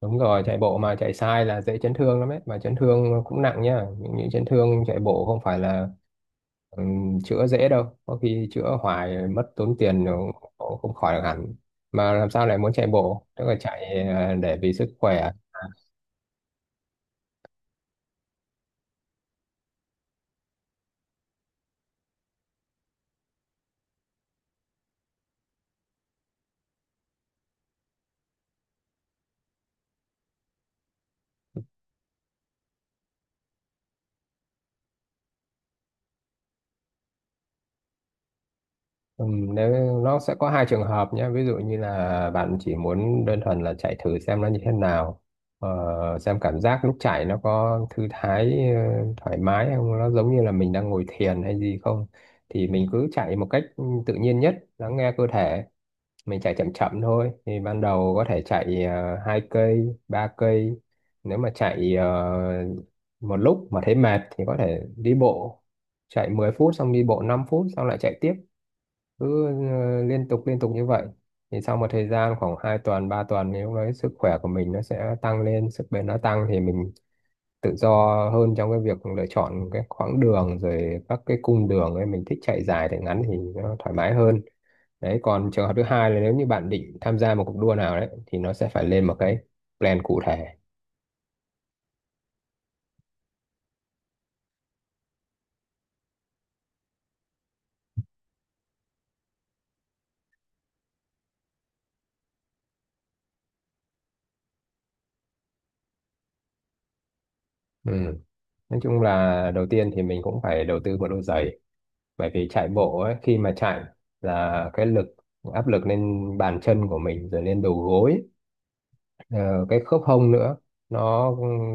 Đúng rồi, chạy bộ mà chạy sai là dễ chấn thương lắm ấy, mà chấn thương cũng nặng nhá. Những chấn thương chạy bộ không phải là chữa dễ đâu, có khi chữa hoài mất tốn tiền rồi cũng không khỏi được hẳn. Mà làm sao lại muốn chạy bộ? Tức là chạy để vì sức khỏe. Ừ, nếu nó sẽ có hai trường hợp nhé, ví dụ như là bạn chỉ muốn đơn thuần là chạy thử xem nó như thế nào, ờ, xem cảm giác lúc chạy nó có thư thái, thoải mái không, nó giống như là mình đang ngồi thiền hay gì không, thì mình cứ chạy một cách tự nhiên nhất, lắng nghe cơ thể. Mình chạy chậm chậm thôi, thì ban đầu có thể chạy hai cây ba cây. Nếu mà chạy một lúc mà thấy mệt thì có thể đi bộ, chạy 10 phút xong đi bộ 5 phút xong lại chạy tiếp, cứ liên tục như vậy. Thì sau một thời gian khoảng 2 tuần 3 tuần thì lúc đấy sức khỏe của mình nó sẽ tăng lên, sức bền nó tăng thì mình tự do hơn trong cái việc lựa chọn cái quãng đường rồi các cái cung đường ấy, mình thích chạy dài chạy ngắn thì nó thoải mái hơn. Đấy, còn trường hợp thứ hai là nếu như bạn định tham gia một cuộc đua nào đấy thì nó sẽ phải lên một cái plan cụ thể. Ừ, nói chung là đầu tiên thì mình cũng phải đầu tư một đôi giày, bởi vì chạy bộ ấy, khi mà chạy là cái lực, áp lực lên bàn chân của mình rồi lên đầu gối, ờ, cái khớp hông nữa, nó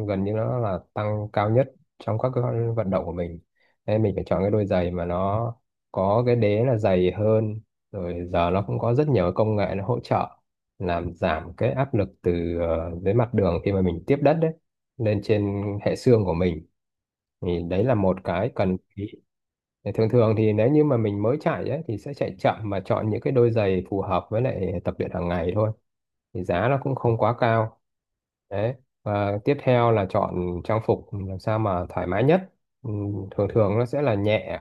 gần như nó là tăng cao nhất trong các cái vận động của mình, nên mình phải chọn cái đôi giày mà nó có cái đế là dày hơn. Rồi giờ nó cũng có rất nhiều công nghệ nó hỗ trợ làm giảm cái áp lực từ dưới mặt đường khi mà mình tiếp đất đấy lên trên hệ xương của mình, thì đấy là một cái cần. Thì thường thường thì nếu như mà mình mới chạy ấy, thì sẽ chạy chậm mà chọn những cái đôi giày phù hợp với lại tập luyện hàng ngày thôi, thì giá nó cũng không quá cao. Đấy, và tiếp theo là chọn trang phục làm sao mà thoải mái nhất. Thường thường nó sẽ là nhẹ,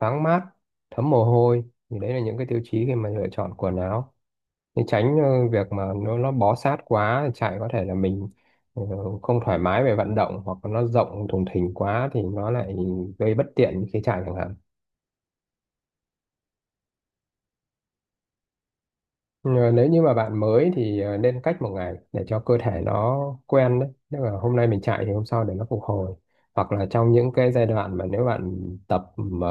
thoáng mát, thấm mồ hôi, thì đấy là những cái tiêu chí khi mà lựa chọn quần áo, để tránh việc mà nó bó sát quá chạy, có thể là mình ờ, không thoải mái về vận động, hoặc là nó rộng thùng thình quá thì nó lại gây bất tiện khi chạy chẳng hạn. Ờ, nếu như mà bạn mới thì nên cách một ngày để cho cơ thể nó quen đấy. Nếu mà hôm nay mình chạy thì hôm sau để nó phục hồi. Hoặc là trong những cái giai đoạn mà nếu bạn tập mà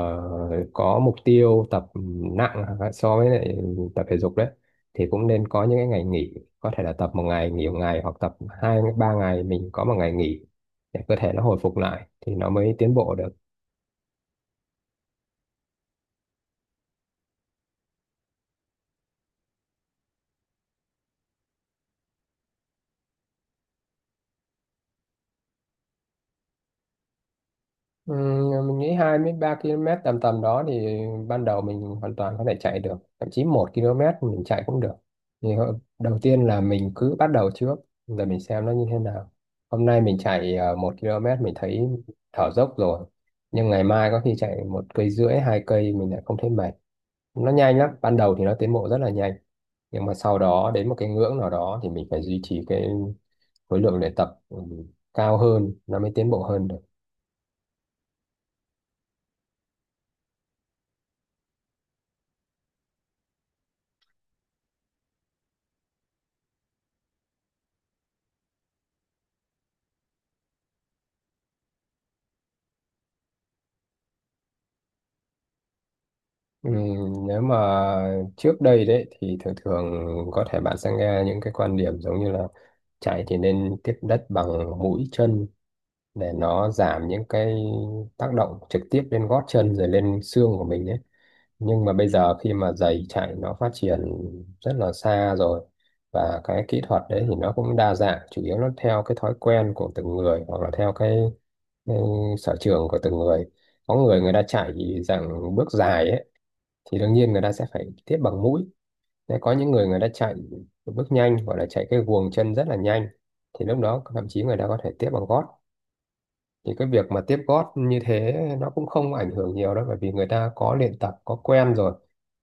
có mục tiêu tập nặng so với lại tập thể dục đấy, thì cũng nên có những cái ngày nghỉ. Có thể là tập một ngày nghỉ một ngày, hoặc tập hai ba ngày mình có một ngày nghỉ, để cơ thể nó hồi phục lại thì nó mới tiến bộ được. Ừ, mình nghĩ 23 km tầm tầm đó thì ban đầu mình hoàn toàn có thể chạy được, thậm chí 1 km mình chạy cũng được. Thì đầu tiên là mình cứ bắt đầu trước rồi mình xem nó như thế nào. Hôm nay mình chạy 1 km mình thấy thở dốc rồi, nhưng ngày mai có khi chạy một cây rưỡi hai cây mình lại không thấy mệt. Nó nhanh lắm, ban đầu thì nó tiến bộ rất là nhanh, nhưng mà sau đó đến một cái ngưỡng nào đó thì mình phải duy trì cái khối lượng luyện tập cao hơn nó mới tiến bộ hơn. Ừ, nếu mà trước đây đấy thì thường thường có thể bạn sẽ nghe những cái quan điểm giống như là chạy thì nên tiếp đất bằng mũi chân để nó giảm những cái tác động trực tiếp lên gót chân rồi lên xương của mình đấy. Nhưng mà bây giờ khi mà giày chạy nó phát triển rất là xa rồi, và cái kỹ thuật đấy thì nó cũng đa dạng, chủ yếu nó theo cái thói quen của từng người hoặc là theo cái sở trường của từng người. Có người người ta chạy dạng bước dài ấy thì đương nhiên người ta sẽ phải tiếp bằng mũi. Đấy, có những người người ta chạy bước nhanh hoặc là chạy cái guồng chân rất là nhanh, thì lúc đó thậm chí người ta có thể tiếp bằng gót. Thì cái việc mà tiếp gót như thế nó cũng không ảnh hưởng nhiều đâu, bởi vì người ta có luyện tập có quen rồi,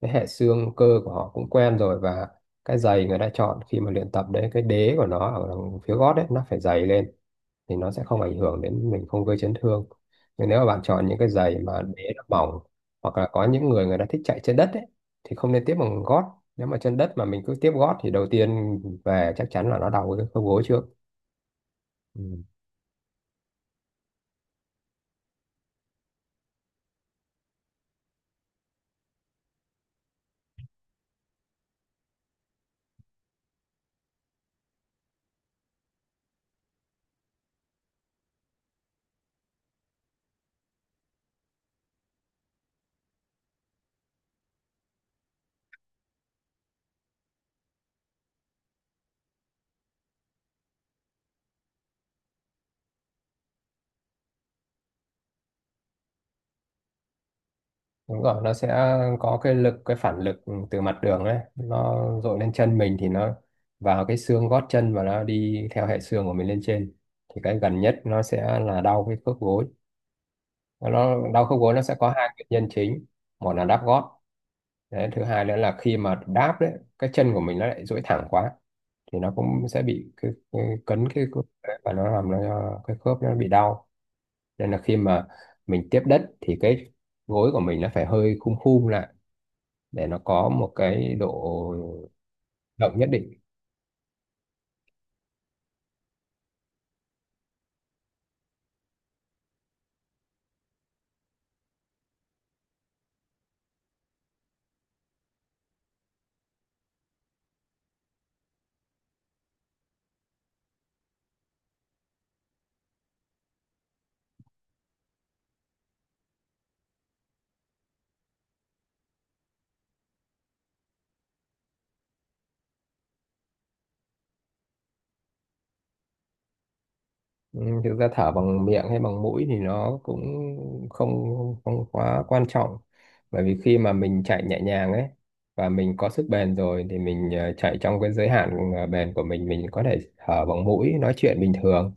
cái hệ xương cơ của họ cũng quen rồi, và cái giày người ta chọn khi mà luyện tập đấy, cái đế của nó ở đằng phía gót đấy nó phải dày lên, thì nó sẽ không ảnh hưởng đến mình, không gây chấn thương. Nhưng nếu mà bạn chọn những cái giày mà đế nó mỏng, hoặc là có những người người ta thích chạy trên đất ấy, thì không nên tiếp bằng gót. Nếu mà chân đất mà mình cứ tiếp gót thì đầu tiên về chắc chắn là nó đau cái khớp gối trước. Ừ. Đúng rồi, nó sẽ có cái lực, cái phản lực từ mặt đường đấy nó dội lên chân mình, thì nó vào cái xương gót chân và nó đi theo hệ xương của mình lên trên, thì cái gần nhất nó sẽ là đau cái khớp gối. Nó đau khớp gối nó sẽ có hai nguyên nhân chính: một là đắp gót. Đấy, thứ hai nữa là khi mà đáp đấy, cái chân của mình nó lại duỗi thẳng quá thì nó cũng sẽ bị cấn cái khớp đấy, và nó làm cái khớp nó bị đau. Nên là khi mà mình tiếp đất thì cái gối của mình nó phải hơi khum khum lại để nó có một cái độ động nhất định. Ừ, thực ra thở bằng miệng hay bằng mũi thì nó cũng không không quá quan trọng, bởi vì khi mà mình chạy nhẹ nhàng ấy và mình có sức bền rồi thì mình chạy trong cái giới hạn bền của mình có thể thở bằng mũi, nói chuyện bình thường.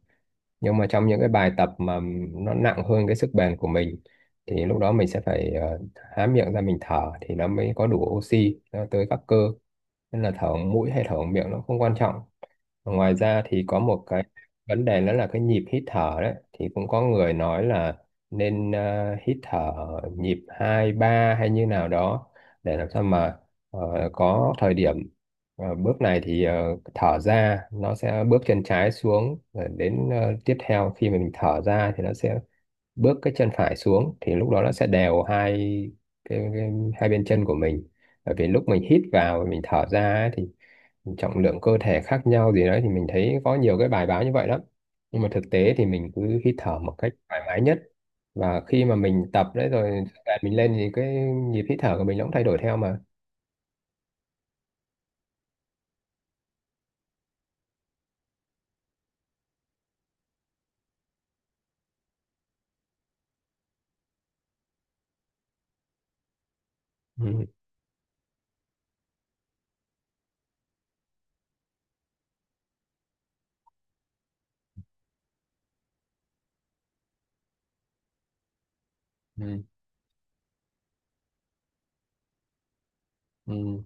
Nhưng mà trong những cái bài tập mà nó nặng hơn cái sức bền của mình, thì lúc đó mình sẽ phải há miệng ra mình thở thì nó mới có đủ oxy nó tới các cơ. Nên là thở bằng mũi hay thở bằng miệng nó không quan trọng. Và ngoài ra thì có một cái vấn đề nữa là cái nhịp hít thở đấy, thì cũng có người nói là nên hít thở nhịp hai ba hay như nào đó, để làm sao mà có thời điểm. Ờ, bước này thì thở ra nó sẽ bước chân trái xuống, rồi đến tiếp theo khi mà mình thở ra thì nó sẽ bước cái chân phải xuống, thì lúc đó nó sẽ đều hai cái hai bên chân của mình. Bởi vì lúc mình hít vào và mình thở ra ấy, thì trọng lượng cơ thể khác nhau gì đấy, thì mình thấy có nhiều cái bài báo như vậy lắm. Nhưng mà thực tế thì mình cứ hít thở một cách thoải mái nhất, và khi mà mình tập đấy rồi sức mình lên thì cái nhịp hít thở của mình nó cũng thay đổi theo mà. Ừ. Ừ, ừ.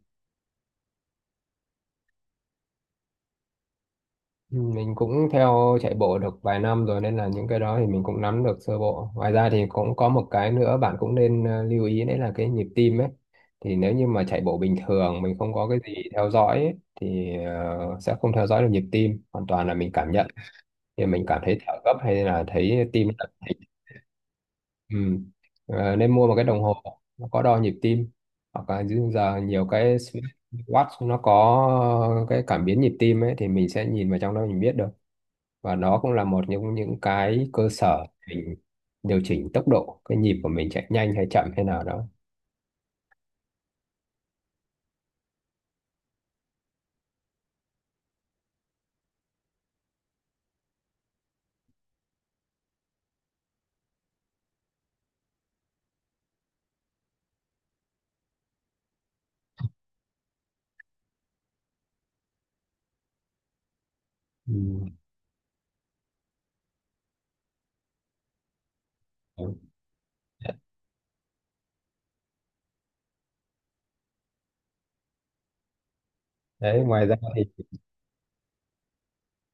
Ừ, mình cũng theo chạy bộ được vài năm rồi nên là những cái đó thì mình cũng nắm được sơ bộ. Ngoài ra thì cũng có một cái nữa bạn cũng nên lưu ý, đấy là cái nhịp tim ấy. Thì nếu như mà chạy bộ bình thường mình không có cái gì theo dõi ấy, thì sẽ không theo dõi được nhịp tim. Hoàn toàn là mình cảm nhận, thì mình cảm thấy thở gấp hay là thấy tim đập thình. Ừ. Ờ, nên mua một cái đồng hồ nó có đo nhịp tim, hoặc là dưới giờ nhiều cái watch nó có cái cảm biến nhịp tim ấy, thì mình sẽ nhìn vào trong đó mình biết được, và đó cũng là một những cái cơ sở để mình điều chỉnh tốc độ cái nhịp của mình, chạy nhanh hay chậm hay nào đó. Ừ. Đấy, ngoài ra thì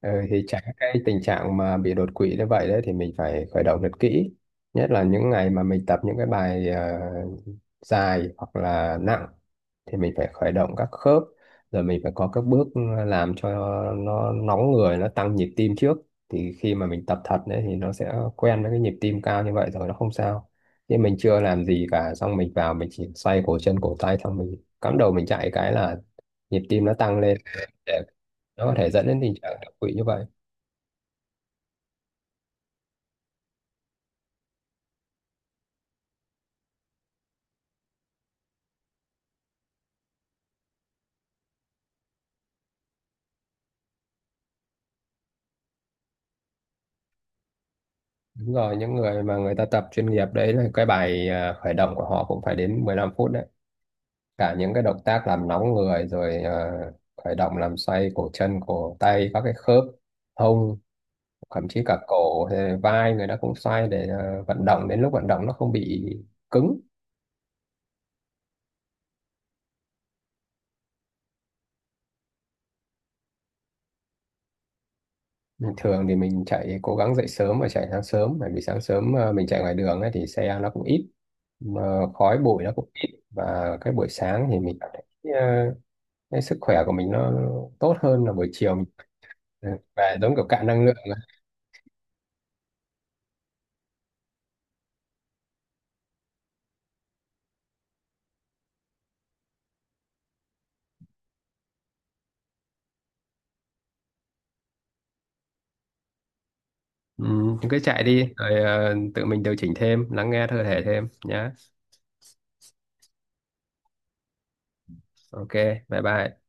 ừ, thì tránh cái tình trạng mà bị đột quỵ như vậy đấy, thì mình phải khởi động thật kỹ, nhất là những ngày mà mình tập những cái bài dài hoặc là nặng, thì mình phải khởi động các khớp, rồi mình phải có các bước làm cho nó nóng người, nó tăng nhịp tim trước, thì khi mà mình tập thật đấy thì nó sẽ quen với cái nhịp tim cao như vậy rồi, nó không sao. Nhưng mình chưa làm gì cả, xong mình vào mình chỉ xoay cổ chân cổ tay xong mình cắm đầu mình chạy, cái là nhịp tim nó tăng lên, nó có thể dẫn đến tình trạng đột quỵ như vậy. Đúng rồi, những người mà người ta tập chuyên nghiệp đấy, là cái bài khởi động của họ cũng phải đến 15 phút đấy, cả những cái động tác làm nóng người, rồi khởi động làm xoay cổ chân cổ tay các cái khớp hông, thậm chí cả cổ hay vai người ta cũng xoay để vận động, đến lúc vận động nó không bị cứng. Thường thì mình chạy cố gắng dậy sớm và chạy sáng sớm, bởi vì sáng sớm mình chạy ngoài đường ấy, thì xe nó cũng ít, mà khói bụi nó cũng ít, và cái buổi sáng thì mình cảm thấy ờ, cái sức khỏe của mình nó tốt hơn là buổi chiều mình ừ, về giống kiểu cạn năng lượng ấy. Ừ, cứ chạy đi rồi tự mình điều chỉnh thêm, lắng nghe cơ thể thêm nhá. OK, bye bye.